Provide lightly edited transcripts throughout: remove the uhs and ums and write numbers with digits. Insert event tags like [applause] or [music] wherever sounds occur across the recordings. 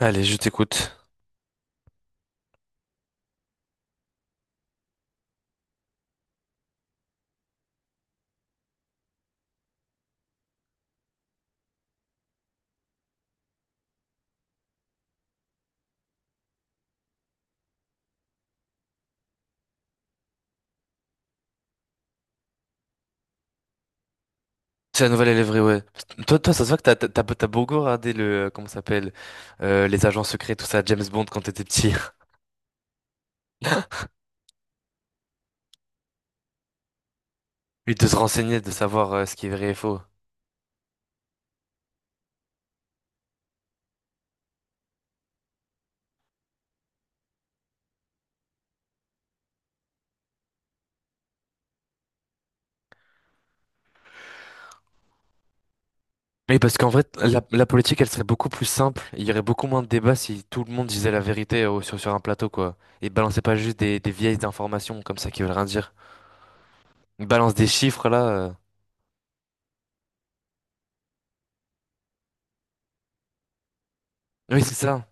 Allez, je t'écoute. C'est la nouvelle élèverie, ouais. Toi, toi, ça se voit que t'as beaucoup regardé le, comment ça s'appelle, les agents secrets, tout ça, James Bond quand t'étais petit. [laughs] Et de se renseigner, de savoir ce qui est vrai et faux. Mais parce qu'en vrai, la politique, elle serait beaucoup plus simple. Il y aurait beaucoup moins de débats si tout le monde disait la vérité sur, sur un plateau, quoi. Et balançait pas juste des vieilles informations comme ça qui veulent rien dire. Ils balancent des chiffres, là. Oui, c'est ça.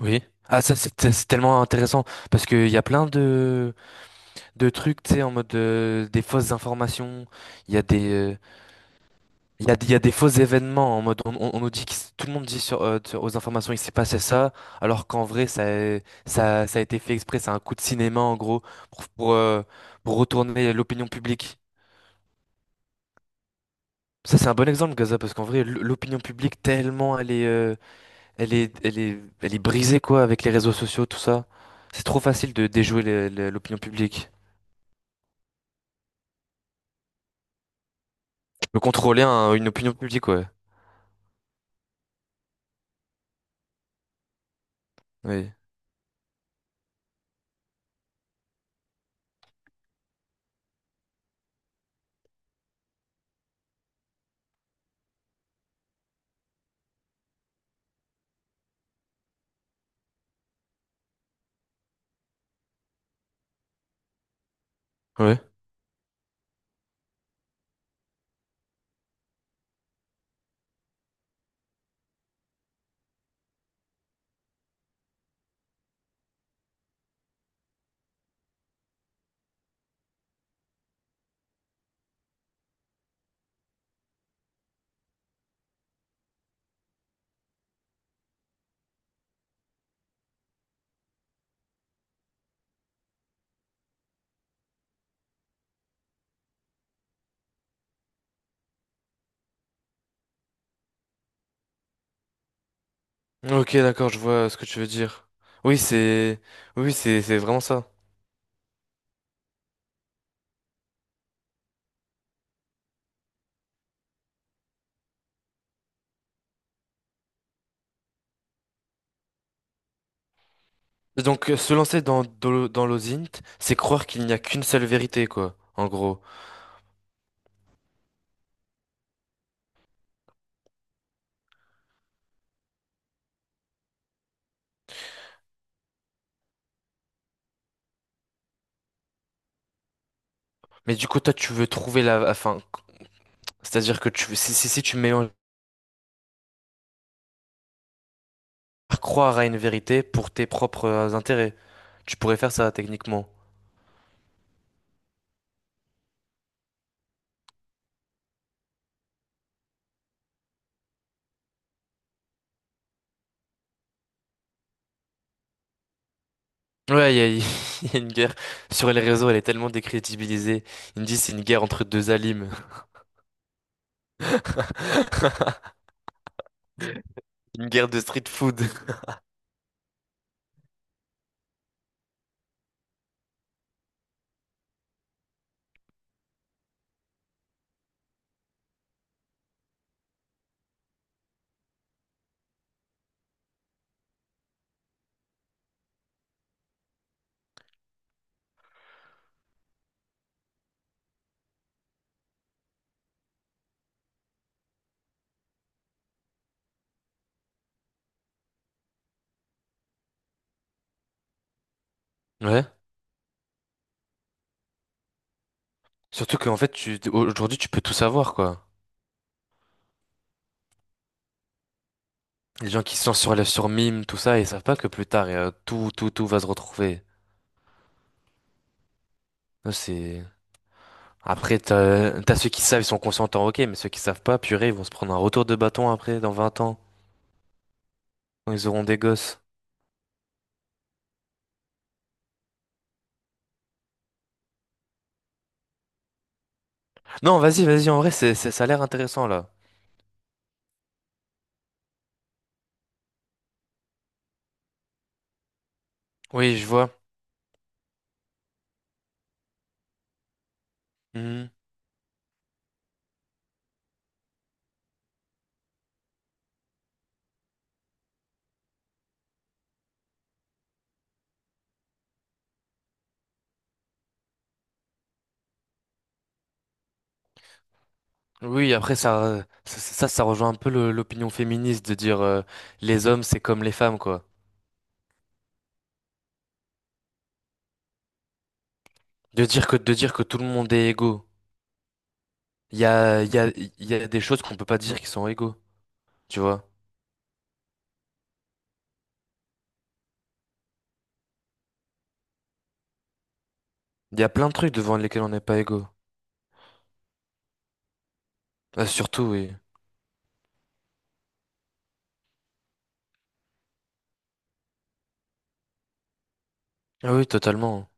Oui. Ah, ça, c'est tellement intéressant parce qu'il y a plein de trucs, tu sais, en mode des fausses informations. Il y a des, euh, il y a des faux événements en mode on nous dit que tout le monde dit aux informations il s'est passé ça, alors qu'en vrai ça a été fait exprès. C'est un coup de cinéma en gros pour pour, euh, pour retourner l'opinion publique. Ça c'est un bon exemple Gaza parce qu'en vrai l'opinion publique tellement elle est, elle est elle est brisée quoi avec les réseaux sociaux tout ça. C'est trop facile de déjouer l'opinion publique. De contrôler une opinion publique, ouais. Oui. Ouais. Ok, d'accord, je vois ce que tu veux dire. Oui, oui, oui, c'est vraiment ça. Et donc, se lancer dans l'OSINT, c'est croire qu'il n'y a qu'une seule vérité, quoi, en gros. Mais du coup, toi, tu veux trouver la, enfin, c'est-à-dire que tu, si tu mélanges croire à une vérité pour tes propres intérêts, tu pourrais faire ça, techniquement. Ouais, il y a, [laughs] il y a une guerre sur les réseaux, elle est tellement décrédibilisée. Ils me disent c'est une guerre entre deux alims. [laughs] Une guerre de street food. Ouais. Surtout qu'en fait, aujourd'hui, tu peux tout savoir, quoi. Les gens qui sont sur les sur Mime, tout ça, ils savent pas que plus tard, tout va se retrouver. Non, c'est... Après, t'as ceux qui savent, ils sont consentants, ok, mais ceux qui savent pas, purée, ils vont se prendre un retour de bâton après, dans 20 ans, quand ils auront des gosses. Non, vas-y, vas-y, en vrai, ça a l'air intéressant, là. Oui, je vois. Mhm. Oui, après, ça rejoint un peu l'opinion féministe de dire les hommes, c'est comme les femmes, quoi. De dire que tout le monde est égaux. Il y a, il y a, il y a des choses qu'on peut pas dire qui sont égaux, tu vois. Il y a plein de trucs devant lesquels on n'est pas égaux. Ah, surtout, oui. Ah oui, totalement.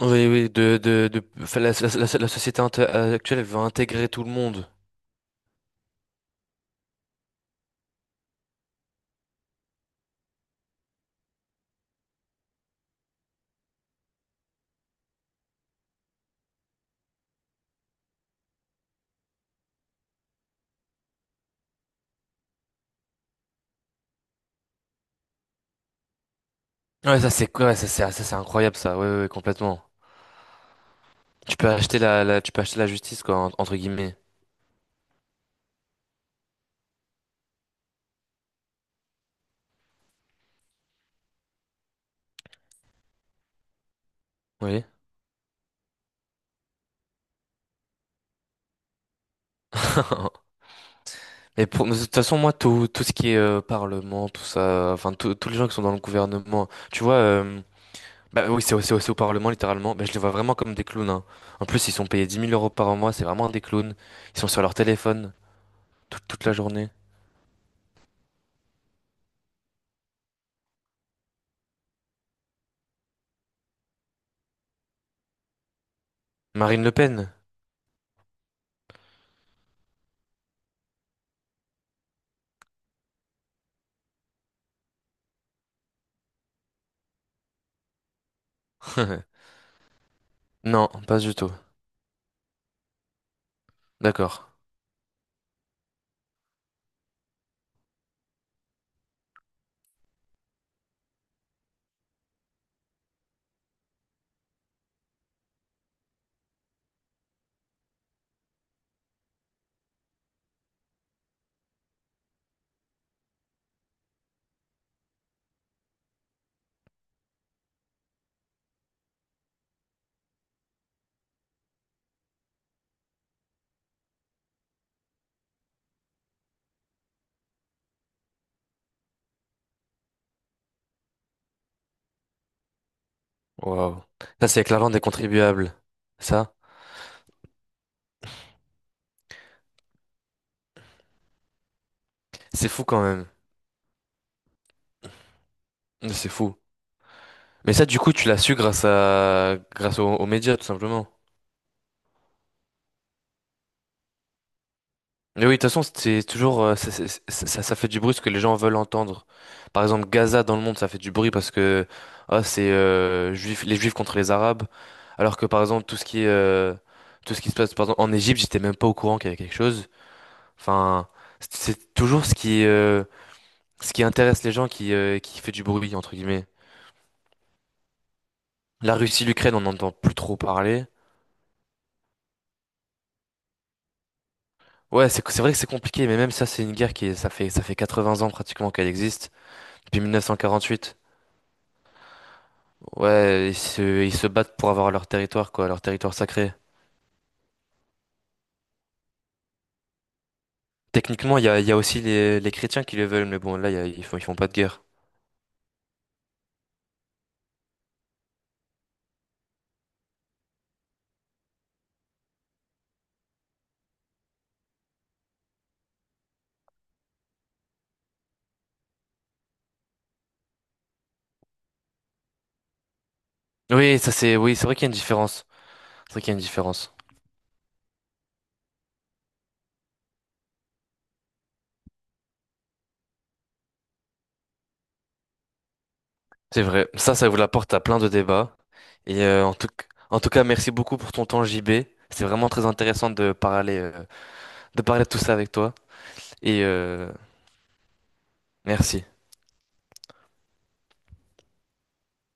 Oui, oui, enfin, la société actuelle, elle veut intégrer tout le monde. Ouais, ça c'est quoi? Ça c'est incroyable, ça. Ouais, ouais, ouais, complètement. Tu peux acheter tu peux acheter la justice, quoi, entre guillemets. Oui. [laughs] Mais pour, de toute façon, moi, tout ce qui est parlement, tout ça, enfin, tous les gens qui sont dans le gouvernement, tu vois, euh. C'est au c'est au Parlement, littéralement. Bah, je les vois vraiment comme des clowns, hein. En plus, ils sont payés 10 000 euros par mois, c'est vraiment des clowns. Ils sont sur leur téléphone toute la journée. Marine Le Pen? [laughs] Non, pas du tout. D'accord. Waouh. Ça, c'est avec l'argent des contribuables. Ça, c'est fou quand même. C'est fou. Mais ça, du coup, tu l'as su grâce aux, aux médias, tout simplement. Mais oui, de toute façon, c'est toujours ça fait du bruit ce que les gens veulent entendre. Par exemple, Gaza dans le monde, ça fait du bruit parce que ah, c'est les Juifs contre les Arabes. Alors que par exemple, tout ce qui est, tout ce qui se passe par exemple, en Égypte, j'étais même pas au courant qu'il y avait quelque chose. Enfin, c'est toujours ce qui intéresse les gens qui fait du bruit entre guillemets. La Russie, l'Ukraine, on n'entend plus trop parler. Ouais, c'est vrai que c'est compliqué, mais même ça, c'est une guerre ça fait 80 ans pratiquement qu'elle existe depuis 1948. Ouais, ils se battent pour avoir leur territoire, quoi, leur territoire sacré. Techniquement, il y a aussi les chrétiens qui le veulent, mais bon, là, ils font pas de guerre. Oui, oui, c'est vrai qu'il y a une différence. C'est vrai qu'il y a une différence. C'est vrai. Ça vous la porte à plein de débats. Et en tout cas, merci beaucoup pour ton temps, JB. C'est vraiment très intéressant de parler, de parler de tout ça avec toi. Et merci.